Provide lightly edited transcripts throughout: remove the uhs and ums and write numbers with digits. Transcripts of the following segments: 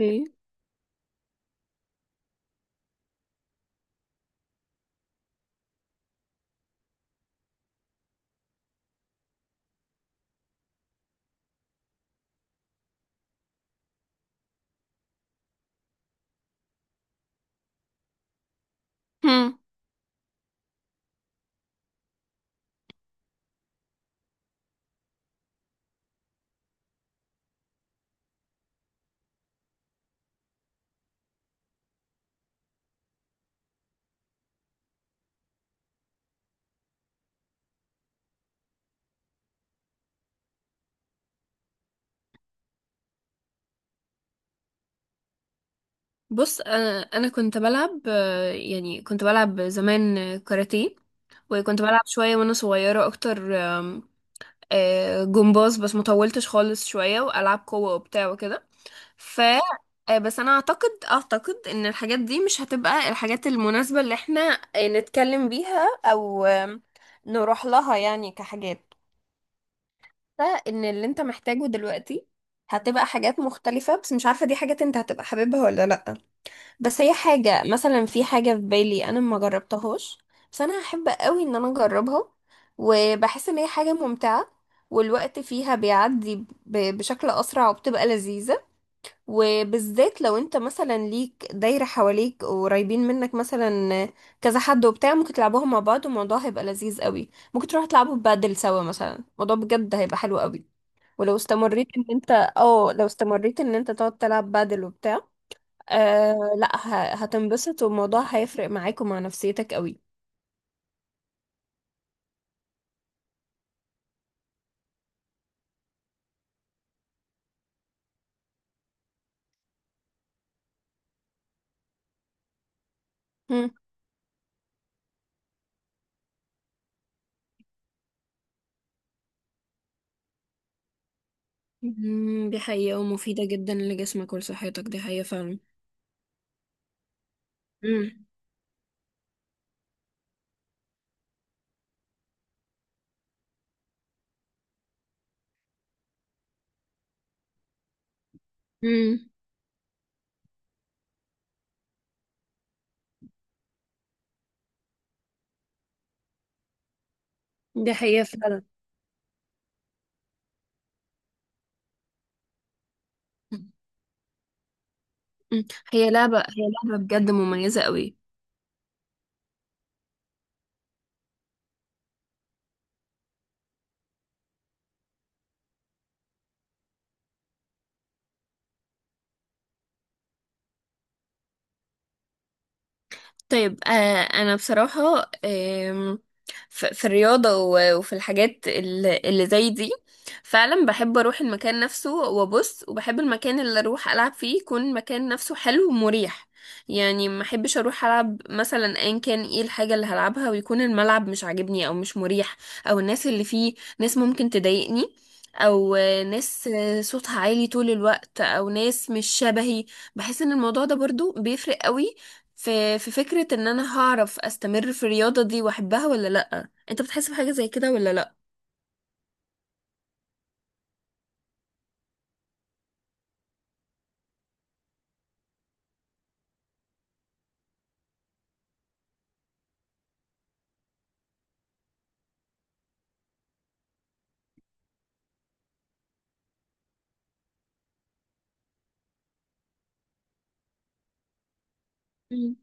اوكي. هم. بص، انا كنت بلعب، يعني كنت بلعب زمان كاراتيه. وكنت بلعب شويه وانا صغيره اكتر، آم، آه، جمباز، بس ما طولتش خالص، شويه والعاب قوه وبتاع وكده. ف آه، بس انا اعتقد ان الحاجات دي مش هتبقى الحاجات المناسبه اللي احنا نتكلم بيها، او نروح لها يعني كحاجات. فان اللي انت محتاجه دلوقتي هتبقى حاجات مختلفه، بس مش عارفه دي حاجات انت هتبقى حاببها ولا لا. بس هي حاجة، مثلا في حاجة في بالي أنا ما جربتهاش، بس أنا هحب قوي إن أنا أجربها، وبحس إن هي حاجة ممتعة والوقت فيها بيعدي بشكل أسرع وبتبقى لذيذة. وبالذات لو أنت مثلا ليك دايرة حواليك وقريبين منك، مثلا كذا حد وبتاع، ممكن تلعبوها مع بعض، والموضوع هيبقى لذيذ قوي. ممكن تروحوا تلعبوا بادل سوا مثلا، الموضوع بجد هيبقى حلو قوي. ولو استمريت ان انت اه لو استمريت ان انت تقعد تلعب بادل وبتاع، لا، هتنبسط، والموضوع هيفرق معاك ومع نفسيتك قوي. هم. دي حقيقة ومفيدة جدا لجسمك ولصحتك، دي حقيقة فعلا. مم. مم. دي حقيقة فعلا. مم. هي لعبة بجد مميزة قوي. طيب، انا بصراحة، في الرياضة وفي الحاجات اللي زي دي، فعلا بحب اروح المكان نفسه وابص، وبحب المكان اللي اروح العب فيه يكون مكان نفسه حلو ومريح. يعني ما احبش اروح العب مثلا، ان كان ايه الحاجة اللي هلعبها، ويكون الملعب مش عاجبني او مش مريح، او الناس اللي فيه ناس ممكن تضايقني، او ناس صوتها عالي طول الوقت، او ناس مش شبهي. بحس ان الموضوع ده برضو بيفرق قوي في فكرة ان انا هعرف استمر في الرياضة دي واحبها ولا لأ. انت بتحس بحاجة زي كده ولا لأ؟ مم.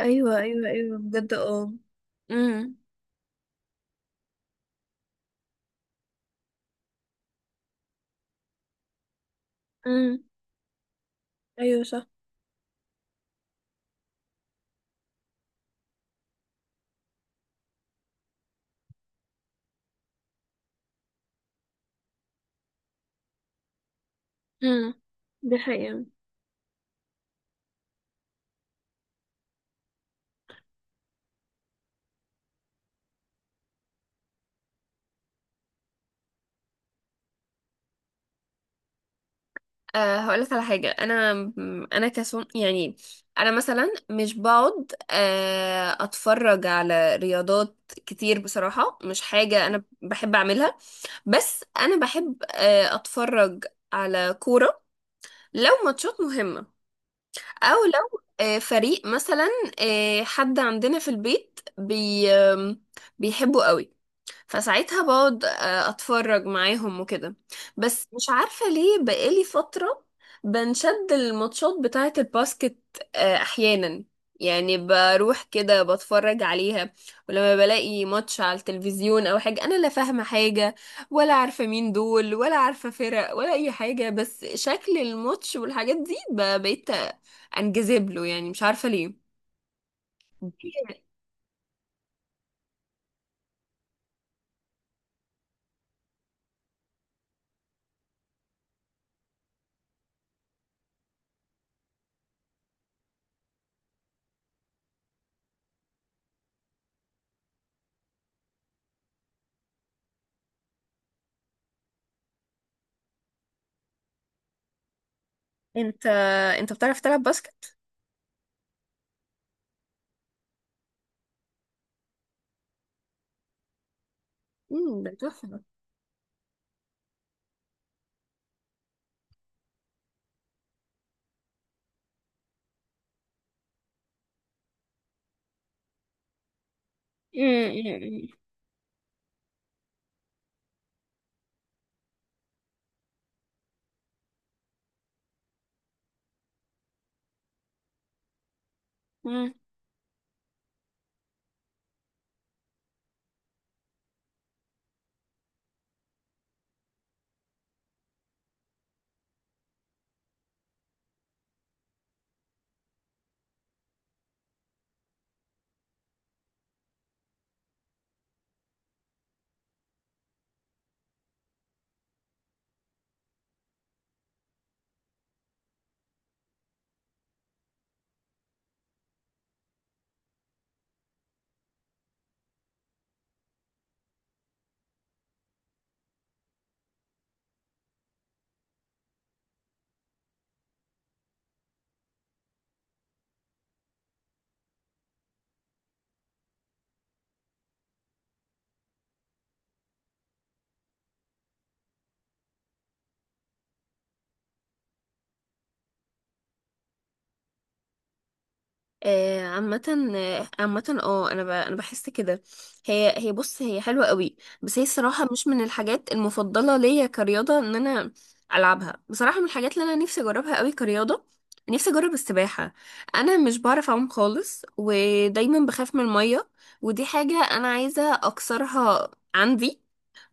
ايوه ايوه ايوه بجد، اه. امم. مم. ايوه صح. امم. دي حقيقة. هقولك على حاجة. أنا كسون يعني. أنا مثلا مش بقعد أتفرج على رياضات كتير بصراحة، مش حاجة أنا بحب أعملها. بس أنا بحب أتفرج على كورة لو ماتشات مهمة، او لو فريق مثلا، حد عندنا في البيت بي آم، بيحبه قوي، فساعتها بقعد اتفرج معاهم وكده. بس مش عارفة ليه، بقالي فترة بنشد الماتشات بتاعة الباسكت احيانا. يعني بروح كده بتفرج عليها. ولما بلاقي ماتش على التلفزيون او حاجة، انا لا فاهمة حاجة ولا عارفة مين دول ولا عارفة فرق ولا اي حاجة، بس شكل الماتش والحاجات دي بقيت انجذب له يعني، مش عارفة ليه. انت انت بتعرف تلعب باسكت؟ ده تحفة. امم امم عامة، انا بحس كده. هي هي بص، هي حلوة قوي. بس هي الصراحة مش من الحاجات المفضلة ليا كرياضة، ان انا العبها. بصراحة من الحاجات اللي انا نفسي اجربها قوي كرياضة، نفسي اجرب السباحة. انا مش بعرف اعوم خالص، ودايما بخاف من المية، ودي حاجة انا عايزة اكسرها عندي،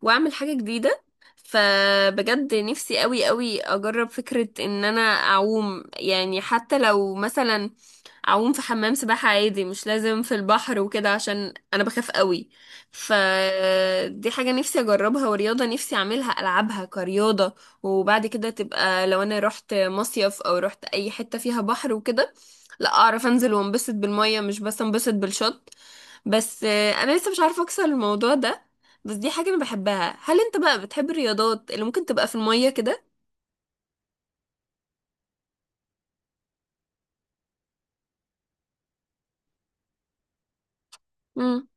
واعمل حاجة جديدة. فبجد نفسي قوي قوي اجرب فكرة ان انا اعوم، يعني حتى لو مثلا اعوم في حمام سباحة عادي، مش لازم في البحر وكده، عشان انا بخاف قوي. فدي حاجة نفسي اجربها، ورياضة نفسي اعملها العبها كرياضة. وبعد كده تبقى لو انا رحت مصيف او رحت اي حتة فيها بحر وكده، لا اعرف انزل وانبسط بالمية، مش بس انبسط بالشط. بس انا لسه مش عارفه اكسر الموضوع ده. بس دي حاجه انا بحبها. هل انت بقى بتحب الرياضات اللي ممكن تبقى في الميه كده؟ امم.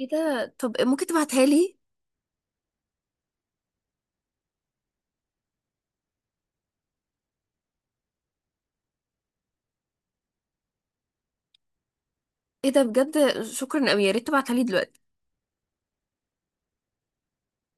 ايه ده؟ طب ممكن تبعتها لي؟ ايه ده؟ بجد شكرا قوي، يا ريت تبعتها لي دلوقتي.